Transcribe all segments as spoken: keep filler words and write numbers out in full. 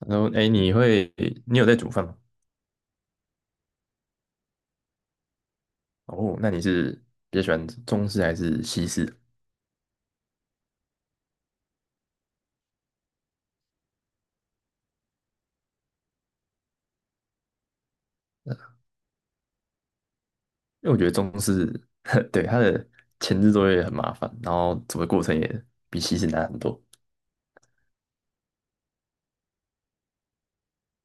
然后，哎，你会，你有在煮饭吗？哦，那你是比较喜欢中式还是西式啊？因为我觉得中式，对，它的前置作业很麻烦，然后煮的过程也比西式难很多。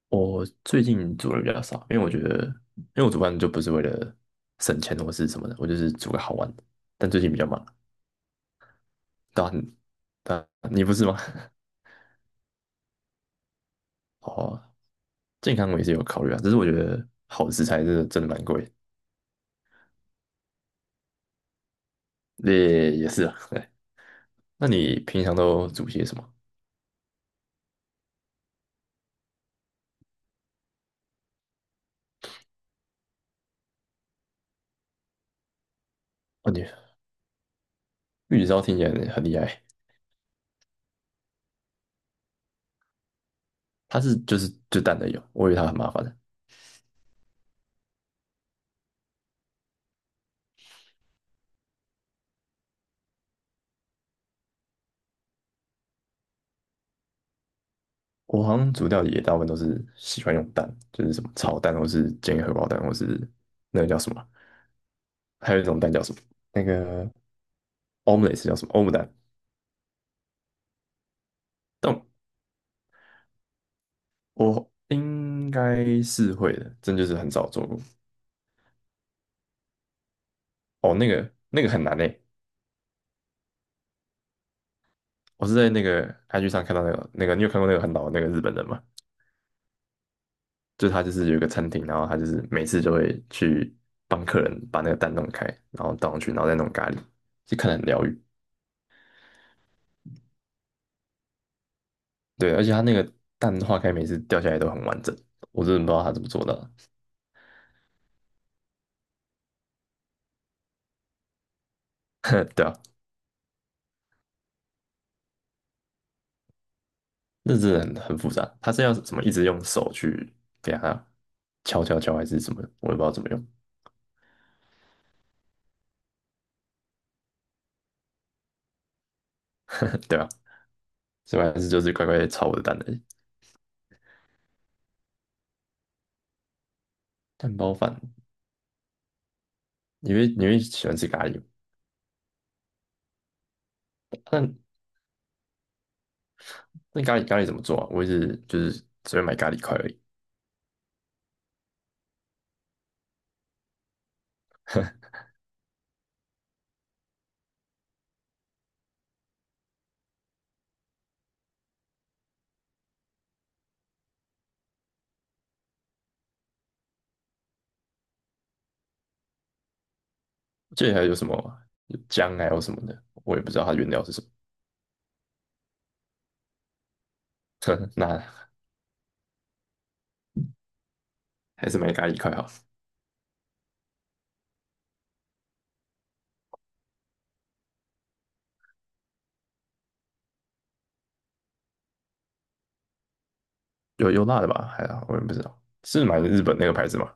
我最近煮的比较少，因为我觉得，因为我煮饭就不是为了省钱或是什么的，我就是煮个好玩的。但最近比较忙，对啊，你对啊你不是吗？哦，健康我也是有考虑啊，只是我觉得好的食材真的真的蛮贵的，也也是啊。那你平常都煮些什么？哦，你玉子烧听起来很厉害，它是就是就蛋的有，我以为它很麻烦。的。我好像煮料理也大部分都是喜欢用蛋，就是什么炒蛋，或是煎荷包蛋，或是那个叫什么，还有一种蛋叫什么？那个 omelette 叫什么？欧姆蛋？但我应该是会的，真就是很少做过。哦，那个那个很难诶，我是在那个 I G 上看到那个那个，你有看过那个很老的那个日本人吗？就他就是有一个餐厅，然后他就是每次就会去帮客人把那个蛋弄开，然后倒上去，然后再弄咖喱，就看得很疗愈。对，而且他那个蛋化开每次掉下来都很完整，我真的不知道他怎么做到的。对啊，那真的很很复杂，他是要怎么一直用手去给他敲敲敲还是什么，我也不知道怎么用。对啊，所以我还是就是乖乖地炒我的蛋而已。蛋包饭，你会你会喜欢吃咖喱吗？那那咖喱咖喱怎么做啊？我一直就是只会买咖喱块而已。这记得还有什么有姜还有什么的，我也不知道它原料是什么。那还是买咖喱块好了，有有辣的吧？还好，我也不知道是买日本那个牌子吗？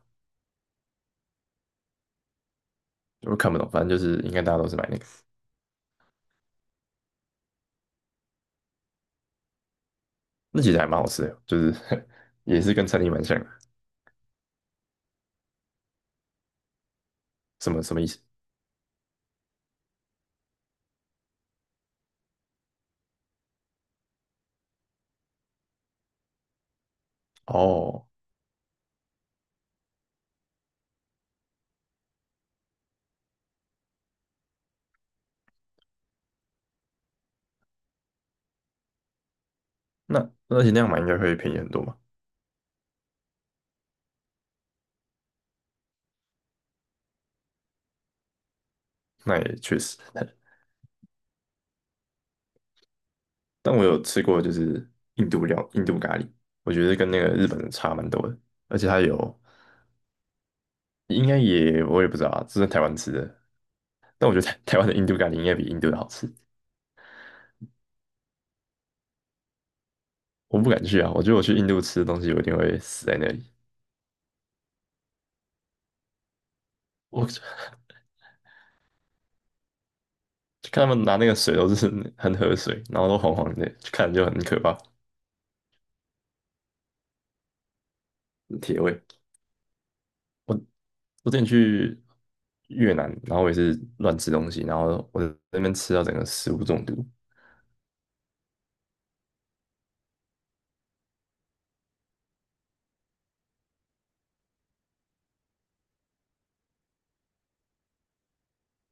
我看不懂，反正就是应该大家都是买那个，那其实还蛮好吃的哦，就是 也是跟餐厅蛮像的。什么什么意思？哦，那而且那样买应该会便宜很多嘛？那也确实，但我有吃过就是印度料印度咖喱，我觉得跟那个日本的差蛮多的，而且它有应该也我也不知道啊，这是在台湾吃的，但我觉得台 台湾的印度咖喱应该比印度的好吃。我不敢去啊，我觉得我去印度吃的东西，我一定会死在那里。我就看他们拿那个水都是很喝水，然后都黄黄的，就看着就很可怕，铁胃。我我之前去越南，然后我也是乱吃东西，然后我在那边吃到整个食物中毒。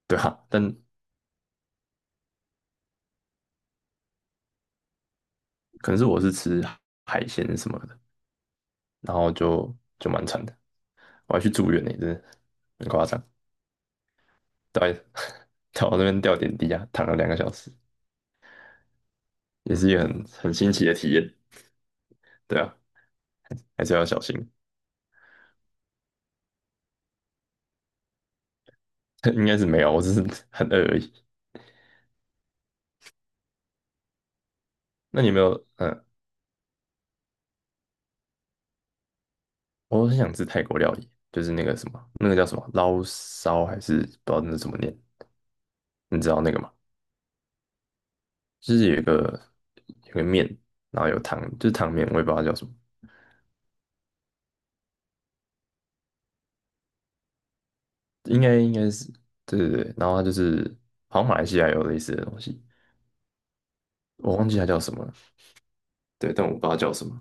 对啊，但可能是我是吃海鲜什么的，然后就就蛮惨的，我还去住院呢、真的很夸张，到 到我那边吊点滴啊，躺了两个小时。也是一个很很新奇的体验，对啊，还是要小心。应该是没有，我只是 很饿而已。那你有没有？嗯，我很想吃泰国料理，就是那个什么，那个叫什么捞烧还是不知道那怎么念？你知道那个吗？就是有一个有个面，然后有汤，就是汤面，我也不知道它叫什么，应该应该是对对对。然后它就是好像马来西亚有类似的东西，我忘记它叫什么了。对，但我不知道叫什么，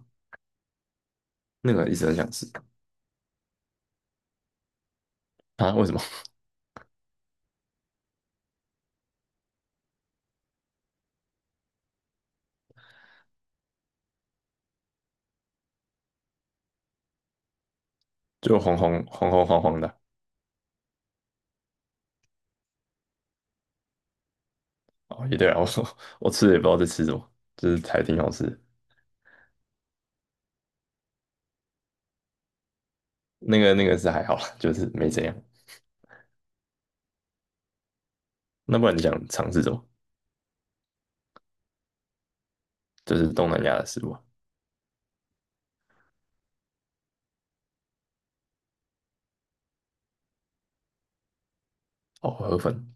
那个一直很想吃啊？为什么？就红红红红黄黄的，哦，也对啊，我 我吃的也不知道在吃什么，就是还挺好吃的。那个那个是还好啦，就是没怎样。那不然你想尝试什么？就是东南亚的食物啊。哦，河粉，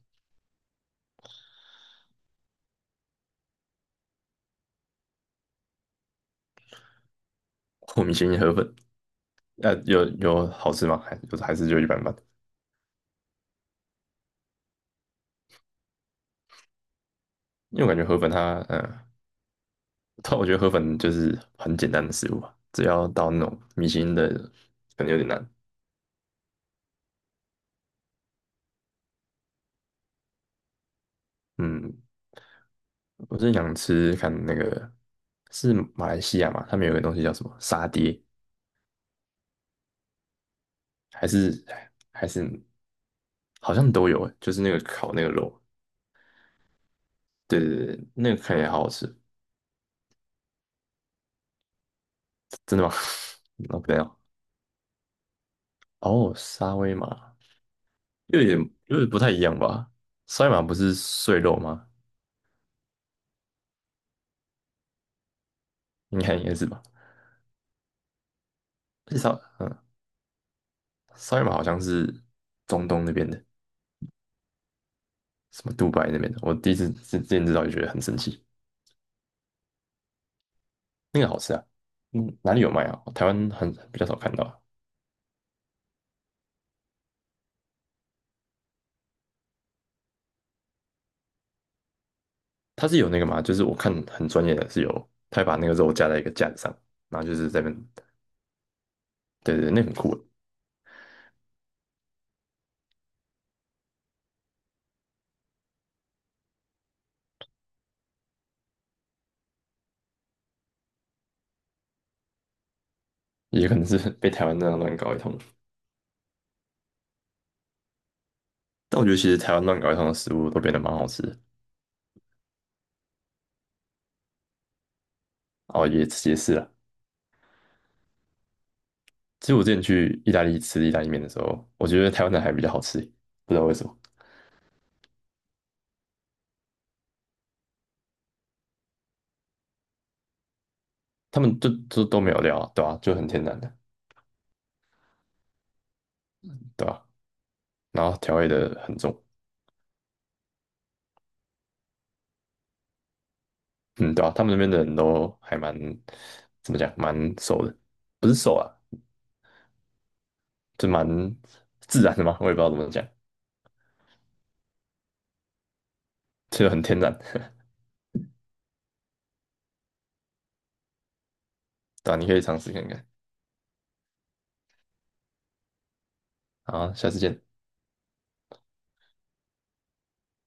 我米其林河粉，呃，有有好吃吗？还有还是就一般般？因为我感觉河粉它，嗯、呃但我觉得河粉就是很简单的食物吧，只要到那种米其林的，可能有点难。嗯，我是想吃看那个是马来西亚嘛，他们有个东西叫什么沙爹，还是还是。好像都有诶，就是那个烤那个肉，对对对，那个看起来好好吃，真的吗？那没有，哦，沙威玛又有点有点不太一样吧？沙威玛不是碎肉吗？应该应该是吧？而且沙嗯，沙威玛好像是中东那边的，什么杜拜那边的，我第一次之之前知道就觉得很神奇，那个好吃啊，嗯，哪里有卖啊？台湾很比较少看到啊，它是有那个嘛，就是我看很专业的是有，他会把那个肉架在一个架子上，然后就是在那边，对对对，那很酷。也可能是 被台湾那样乱搞一通。但我觉得其实台湾乱搞一通的食物都变得蛮好吃的。哦，也也是啊。其实我之前去意大利吃意大利面的时候，我觉得台湾的还比较好吃，不知道为什么。他们就就都没有料啊，对啊，就很天然的，对啊。然后调味的很重，嗯，对啊。他们那边的人都还蛮怎么讲，蛮瘦的，不是瘦啊，就蛮自然的嘛，我也不知道怎么讲，就很天然。对啊，你可以尝试看看。好，下次见。